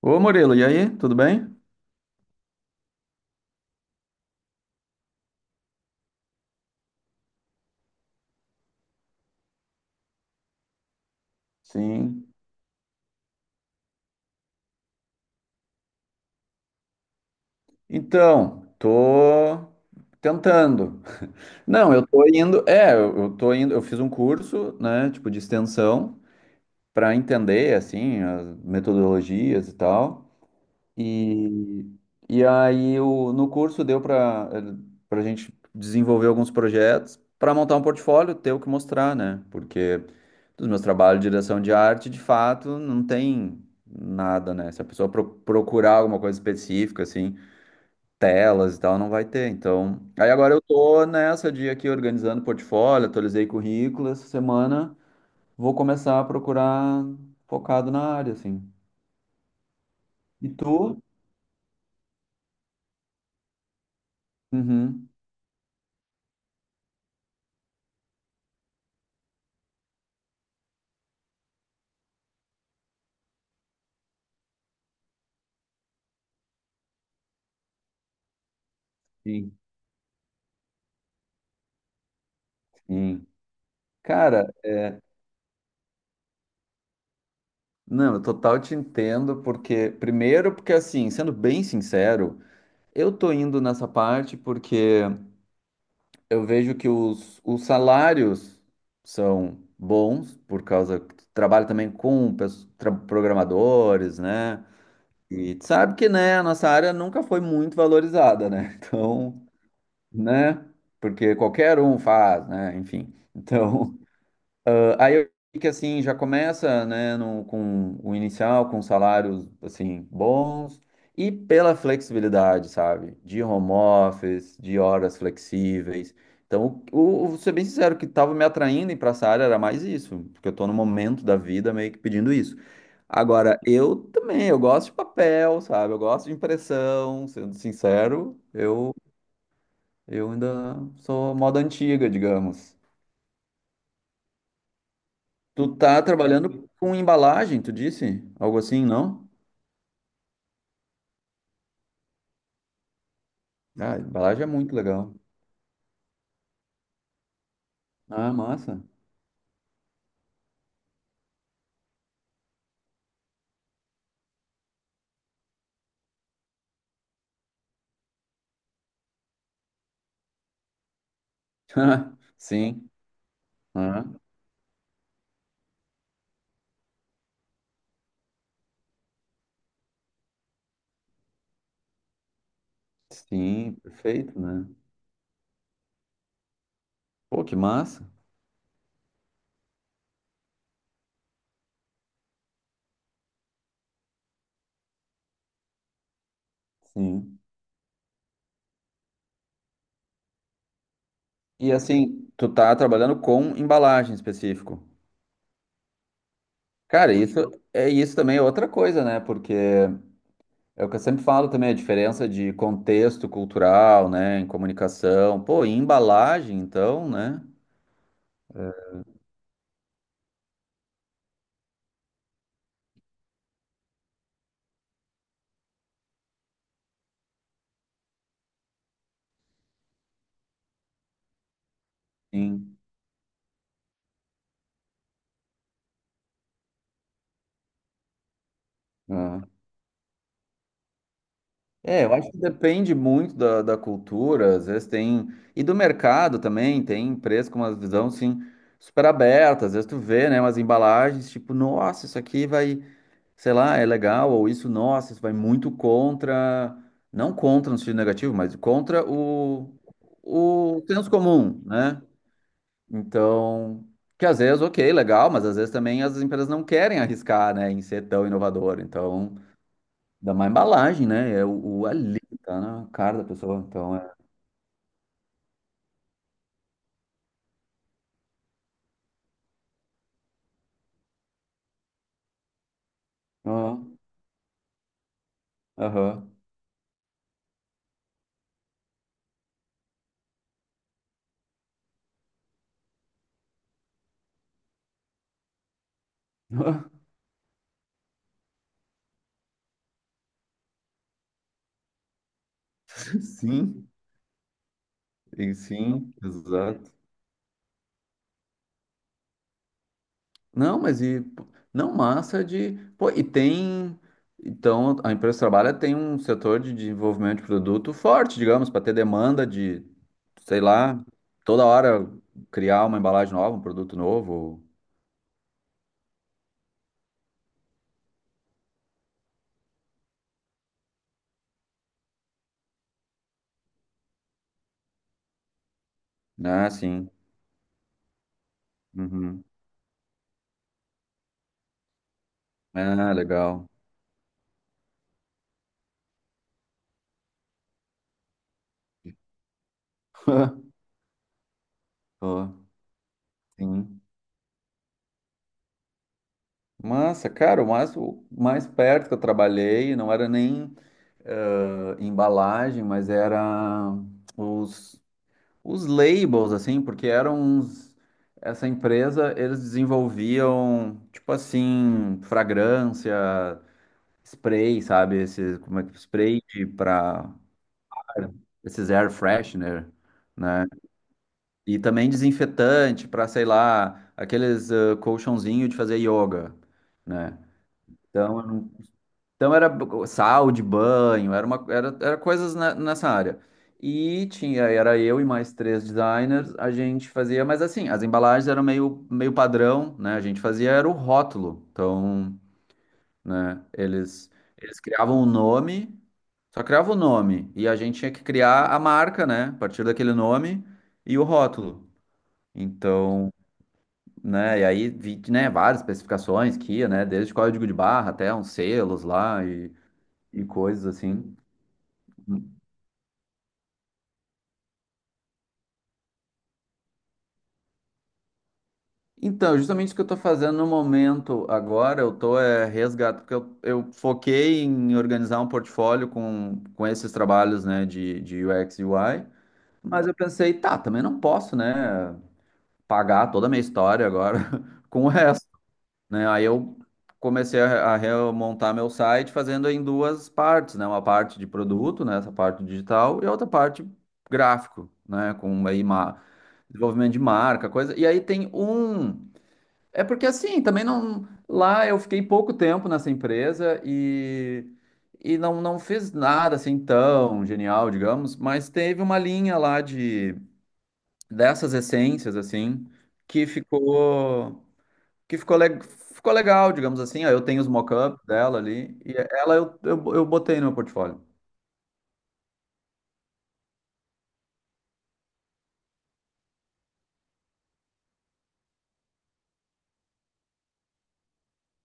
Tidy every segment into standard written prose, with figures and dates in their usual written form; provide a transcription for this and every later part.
Ô Murilo, e aí, tudo bem? Sim. Então, tô tentando. Não, eu tô indo, é, eu tô indo, eu fiz um curso, né, tipo de extensão para entender assim as metodologias e tal. E, e aí o, no curso deu para a gente desenvolver alguns projetos para montar um portfólio, ter o que mostrar, né? Porque dos meus trabalhos de direção de arte, de fato, não tem nada, né? Se a pessoa procurar alguma coisa específica, assim, telas e tal, não vai ter. Então, aí agora eu tô nessa de aqui organizando portfólio, atualizei currículo essa semana, vou começar a procurar focado na área, assim. E tu? Uhum. Sim. Sim. Cara, não, eu total te entendo, porque, primeiro, porque assim, sendo bem sincero, eu tô indo nessa parte porque eu vejo que os salários são bons, por causa que tu trabalha também com programadores, né? E tu sabe que, né, a nossa área nunca foi muito valorizada, né? Então, né? Porque qualquer um faz, né? Enfim. Então, ah, aí eu vi que assim já começa, né, com o inicial, com salários assim bons e pela flexibilidade, sabe? De home office, de horas flexíveis. Então, vou ser bem sincero, o que estava me atraindo para essa área era mais isso, porque eu estou no momento da vida meio que pedindo isso. Agora, eu também, eu gosto de papel, sabe? Eu gosto de impressão, sendo sincero, eu ainda sou moda antiga, digamos. Tu tá trabalhando com embalagem, tu disse? Algo assim, não? Ah, embalagem é muito legal. Ah, massa. Sim. Ah, sim, perfeito, né? Pô, que massa. Sim. E assim, tu tá trabalhando com embalagem em específico. Cara, isso também é outra coisa, né? Porque é o que eu sempre falo também, a diferença de contexto cultural, né, em comunicação. Pô, e embalagem, então, né? Sim. Ah. É, eu acho que depende muito da, da cultura, às vezes tem. E do mercado também, tem empresas com uma visão assim, super aberta, às vezes tu vê, né, umas embalagens, tipo, nossa, isso aqui vai, sei lá, é legal, ou isso, nossa, isso vai muito contra, não contra no sentido negativo, mas contra o senso comum, né? Então, que às vezes, ok, legal, mas às vezes também as empresas não querem arriscar, né, em ser tão inovador, então. Dá uma embalagem, né? É o ali, tá na cara da pessoa. Então é. Aham. Aham. Sim, e sim, exato. Não, mas e. Não, massa de. Pô, e tem. Então, a empresa que trabalha tem um setor de desenvolvimento de produto forte, digamos, para ter demanda de, sei lá, toda hora criar uma embalagem nova, um produto novo. Né, sim. Uhum. É, legal. Pô, sim. Massa, cara, o mais perto que eu trabalhei não era nem eh, embalagem, mas era os, os labels, assim, porque eram uns. Essa empresa, eles desenvolviam, tipo assim, fragrância, spray, sabe? Esse, como é que spray para esses air freshener, né? E também desinfetante para, sei lá, aqueles colchãozinho de fazer yoga, né? Então, então era sal de banho, era uma, era, era coisas nessa área. E tinha, era eu e mais 3 designers, a gente fazia, mas assim, as embalagens eram meio, meio padrão, né? A gente fazia era o rótulo. Então, né, eles criavam o nome, só criavam o nome, e a gente tinha que criar a marca, né? A partir daquele nome e o rótulo. Então, né, e aí vi, né, várias especificações que ia, né? Desde código de barra até uns selos lá e coisas assim. Então, justamente isso que eu estou fazendo no momento agora, eu estou é, resgatando, porque eu foquei em organizar um portfólio com esses trabalhos, né, de UX e UI, mas eu pensei, tá, também não posso, né, pagar toda a minha história agora com o resto. Né? Aí eu comecei a remontar meu site fazendo em duas partes, né? Uma parte de produto, né? Essa parte digital e outra parte gráfico, né? Com aí desenvolvimento de marca, coisa. E aí tem um. É porque assim, também não. Lá eu fiquei pouco tempo nessa empresa e não, não fiz nada assim tão genial, digamos, mas teve uma linha lá de dessas essências assim que ficou que ficou, le- ficou legal, digamos assim. Ó, eu tenho os mock-ups dela ali, e ela eu botei no meu portfólio.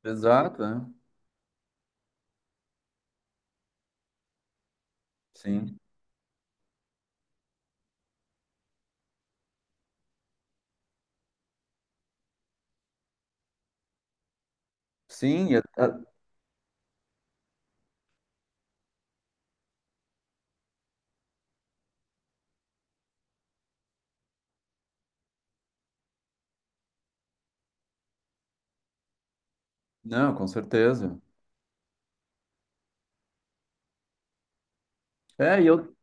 Exato, é. Sim. Sim, e não, com certeza. É,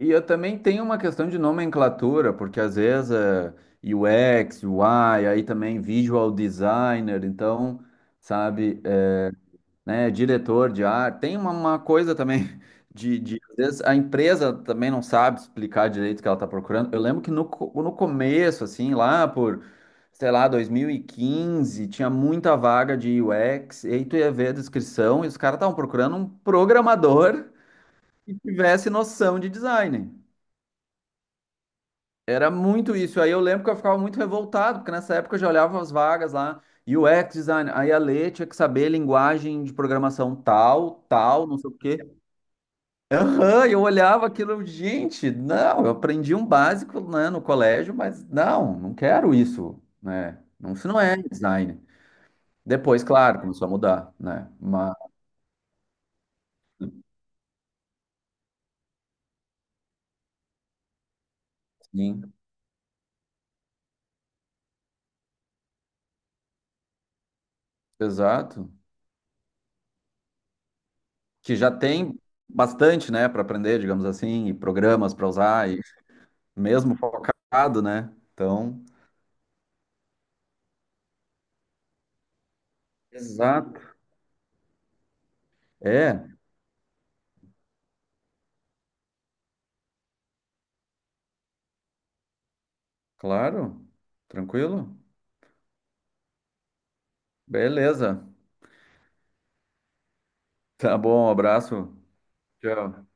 e eu também tenho uma questão de nomenclatura, porque às vezes é UX, UI, aí também visual designer, então, sabe, né, diretor de arte. Tem uma coisa também de, às vezes a empresa também não sabe explicar direito o que ela está procurando. Eu lembro que no, no começo, assim, lá por, sei lá, 2015, tinha muita vaga de UX, e aí tu ia ver a descrição e os caras estavam procurando um programador que tivesse noção de design. Era muito isso. Aí eu lembro que eu ficava muito revoltado, porque nessa época eu já olhava as vagas lá. UX design, aí a Lê tinha que saber linguagem de programação tal, tal, não sei o quê. Aham, eu olhava aquilo, gente, não, eu aprendi um básico, né, no colégio, mas não, não quero isso, né? Não, isso não é design. Depois, claro, começou a mudar, né? Mas, sim, exato, que já tem bastante, né, para aprender, digamos assim, e programas para usar, e mesmo focado, né? Então, exato. É, claro, tranquilo? Beleza. Tá bom, abraço. Tchau.